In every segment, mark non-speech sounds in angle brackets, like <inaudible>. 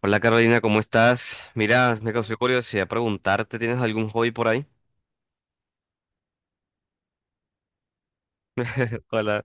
Hola Carolina, ¿cómo estás? Mira, me causó curiosidad preguntarte, ¿tienes algún hobby por ahí? <laughs> Hola.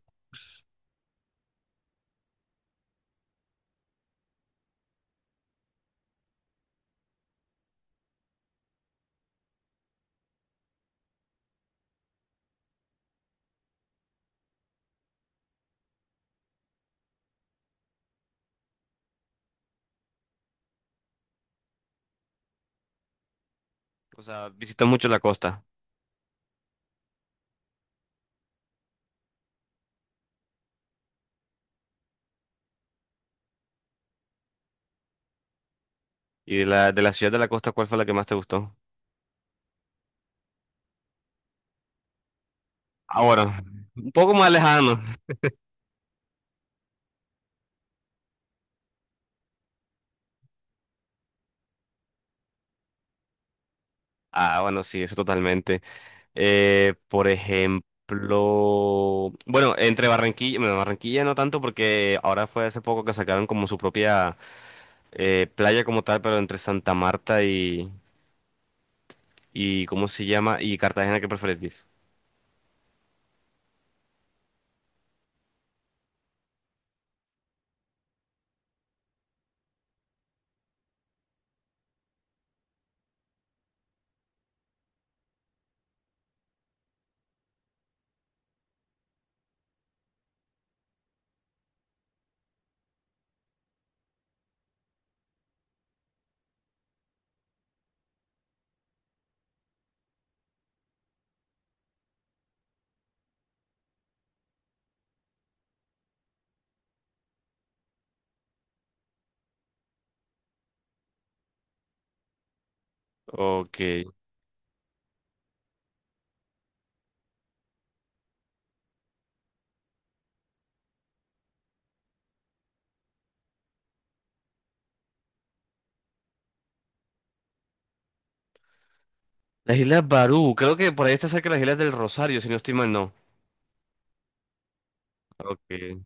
O sea, visitas mucho la costa. Y de la ciudad de la costa, ¿cuál fue la que más te gustó? Ah, bueno, un poco más lejano. Ah, bueno, sí, eso totalmente. Por ejemplo, bueno, entre Barranquilla, bueno, Barranquilla no tanto porque ahora fue hace poco que sacaron como su propia playa como tal, pero entre Santa Marta y ¿cómo se llama? Y Cartagena, ¿qué preferís? Ok. Las Islas Barú, creo que por ahí está cerca de las Islas del Rosario, si no estoy mal, no. Ok.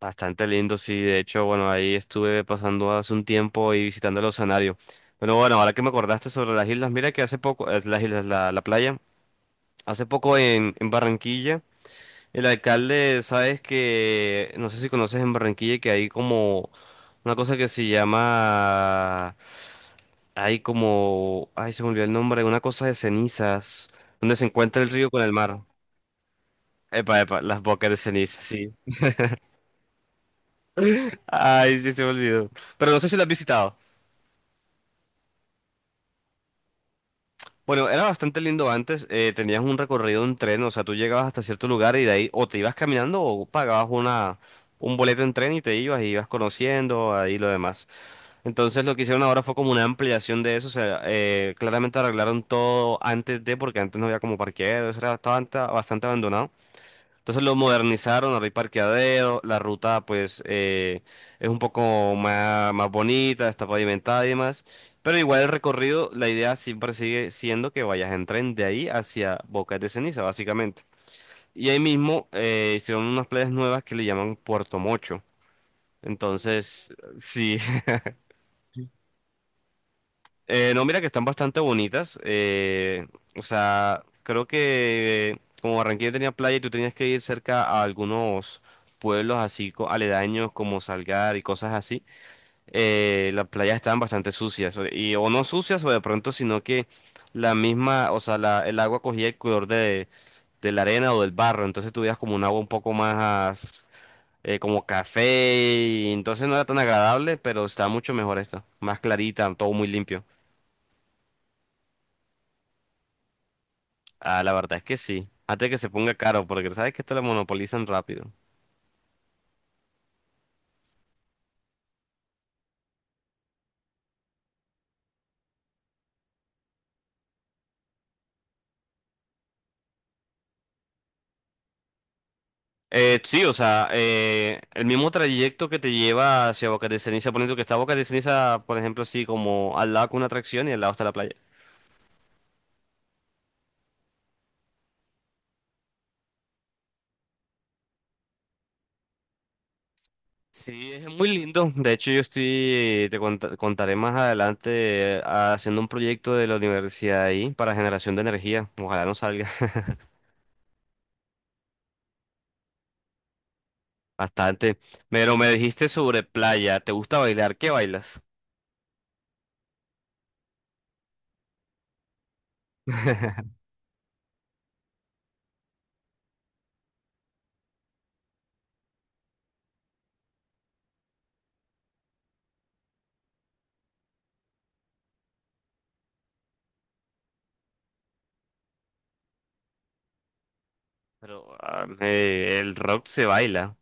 Bastante lindo, sí. De hecho, bueno, ahí estuve pasando hace un tiempo y visitando el oceanario. Pero bueno, ahora que me acordaste sobre las islas, mira que hace poco, las islas, la playa, hace poco en Barranquilla, el alcalde, sabes que, no sé si conoces en Barranquilla, que hay como una cosa que se llama, hay como, ay, se me olvidó el nombre, una cosa de cenizas, donde se encuentra el río con el mar. Epa, epa, las bocas de ceniza, sí. Ay, sí, se me olvidó. Pero no sé si lo has visitado. Bueno, era bastante lindo antes. Tenías un recorrido en tren, o sea, tú llegabas hasta cierto lugar y de ahí o te ibas caminando o pagabas un boleto en tren y te ibas y ibas conociendo ahí lo demás. Entonces lo que hicieron ahora fue como una ampliación de eso. O sea, claramente arreglaron todo antes de, porque antes no había como parqueaderos, era bastante abandonado. Entonces lo modernizaron, ahora hay parqueadero, la ruta pues es un poco más bonita, está pavimentada y demás. Pero igual el recorrido, la idea siempre sigue siendo que vayas en tren de ahí hacia Bocas de Ceniza, básicamente. Y ahí mismo hicieron unas playas nuevas que le llaman Puerto Mocho. Entonces, sí. <laughs> No, mira que están bastante bonitas. O sea, creo que como Barranquilla tenía playa y tú tenías que ir cerca a algunos pueblos así aledaños como Salgar y cosas así, las playas estaban bastante sucias. Y, o no sucias o de pronto, sino que la misma, o sea, el agua cogía el color de la arena o del barro. Entonces tú veías como un agua un poco más como café y entonces no era tan agradable, pero está mucho mejor esta. Más clarita, todo muy limpio. Ah, la verdad es que sí. Hasta que se ponga caro, porque sabes que esto lo monopolizan rápido. Sí, o sea, el mismo trayecto que te lleva hacia Boca de Ceniza, poniendo que está Boca de Ceniza, por ejemplo, así como al lado con una atracción y al lado está la playa. Sí, es muy lindo. De hecho, yo estoy, contaré más adelante, haciendo un proyecto de la universidad ahí para generación de energía. Ojalá no salga. <laughs> Bastante. Pero me dijiste sobre playa, ¿te gusta bailar? ¿Qué bailas? <laughs> Pero ah, el rock se baila.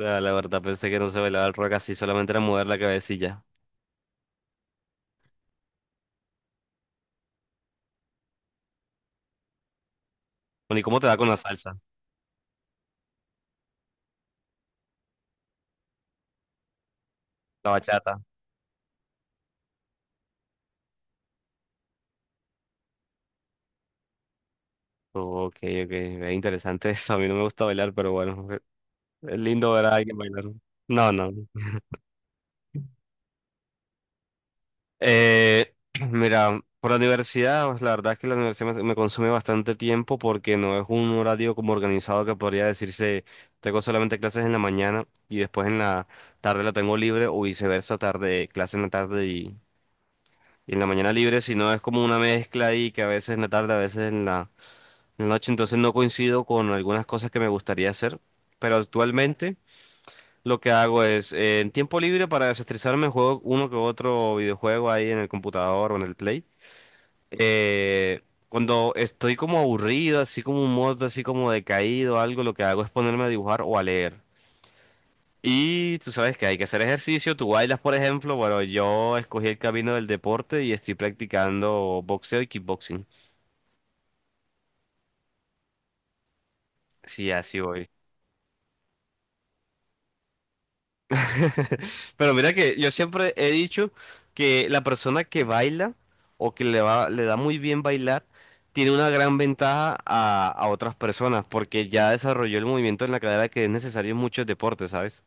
Ah, la verdad, pensé que no se bailaba el rock así, solamente era mover la cabecilla. Bueno, ¿y cómo te va con la salsa? La bachata. Oh, ok, ok, es interesante <laughs> eso. A mí no me gusta bailar, pero bueno, es lindo ver a alguien bailar. No, no, no. Eh, <clears throat> mira, por la universidad, pues la verdad es que la universidad me consume bastante tiempo porque no es un horario como organizado que podría decirse, tengo solamente clases en la mañana y después en la tarde la tengo libre o viceversa, tarde, clase en la tarde y en la mañana libre, sino es como una mezcla ahí que a veces en la tarde, a veces en la noche, entonces no coincido con algunas cosas que me gustaría hacer, pero actualmente... Lo que hago es, en tiempo libre para desestresarme, juego uno que otro videojuego ahí en el computador o en el Play. Eh, Cuando estoy como aburrido, así como un modo así como decaído, algo, lo que hago es ponerme a dibujar o a leer. Y tú sabes que hay que hacer ejercicio, tú bailas, por ejemplo, bueno, yo escogí el camino del deporte y estoy practicando boxeo y kickboxing. Sí, así voy. Pero mira que yo siempre he dicho que la persona que baila o que le va, le da muy bien bailar, tiene una gran ventaja a otras personas porque ya desarrolló el movimiento en la cadera que es necesario en muchos deportes, ¿sabes?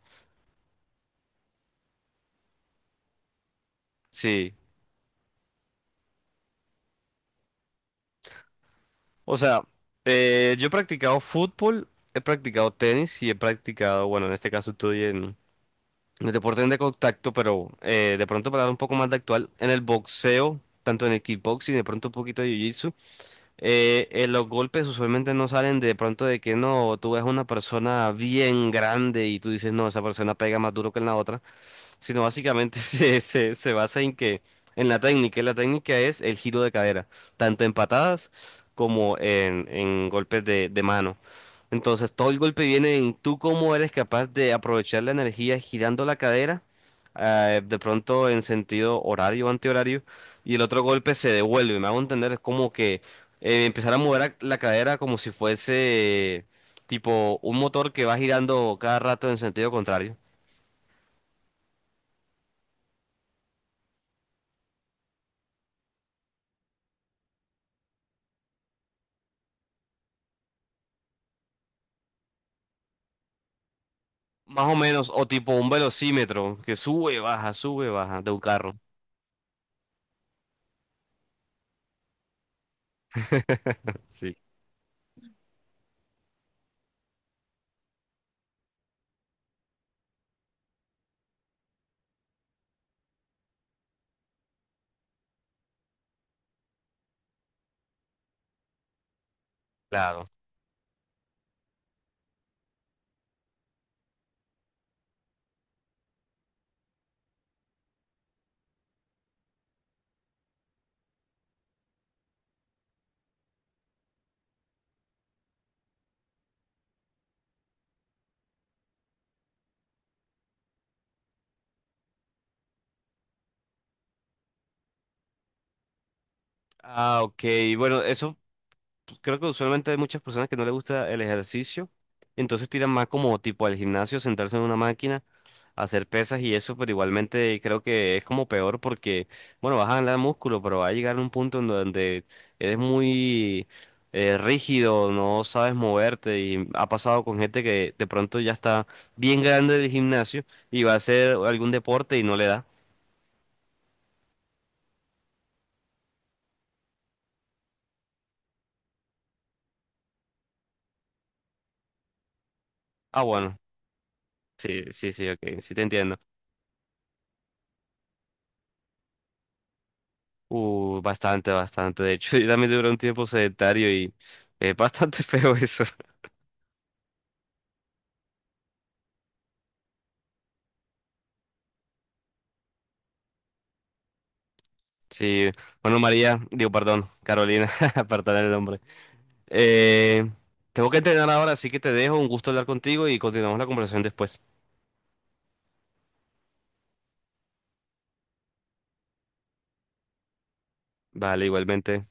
Sí, o sea, yo he practicado fútbol, he practicado tenis y he practicado, bueno, en este caso estoy en deportes de contacto, pero de pronto para dar un poco más de actual, en el boxeo, tanto en el kickboxing, de pronto un poquito de jiu-jitsu, los golpes usualmente no salen de pronto de que no, tú ves una persona bien grande y tú dices, no, esa persona pega más duro que en la otra, sino básicamente <laughs> se basa en que, en la técnica, y la técnica es el giro de cadera, tanto en patadas como en golpes de mano. Entonces, todo el golpe viene en tú cómo eres capaz de aprovechar la energía girando la cadera, de pronto en sentido horario o antihorario, y el otro golpe se devuelve. Me hago entender, es como que empezar a mover la cadera como si fuese tipo un motor que va girando cada rato en sentido contrario. Más o menos, o tipo un velocímetro que sube, baja de un carro. <laughs> Sí, claro. Ah, ok. Bueno, eso creo que usualmente hay muchas personas que no les gusta el ejercicio, entonces tiran más como tipo al gimnasio, sentarse en una máquina, hacer pesas y eso, pero igualmente creo que es como peor porque, bueno, vas a ganar músculo, pero va a llegar un punto en donde eres muy rígido, no sabes moverte y ha pasado con gente que de pronto ya está bien grande del gimnasio y va a hacer algún deporte y no le da. Ah, bueno, sí, sí, sí, ok, sí te entiendo. Bastante, bastante. De hecho, <laughs> yo también duré un tiempo sedentario y es bastante <laughs> feo eso. Sí, bueno, María, digo, perdón, Carolina, <laughs> apartar el nombre. Eh, Tengo que entrenar ahora, así que te dejo. Un gusto hablar contigo y continuamos la conversación después. Vale, igualmente.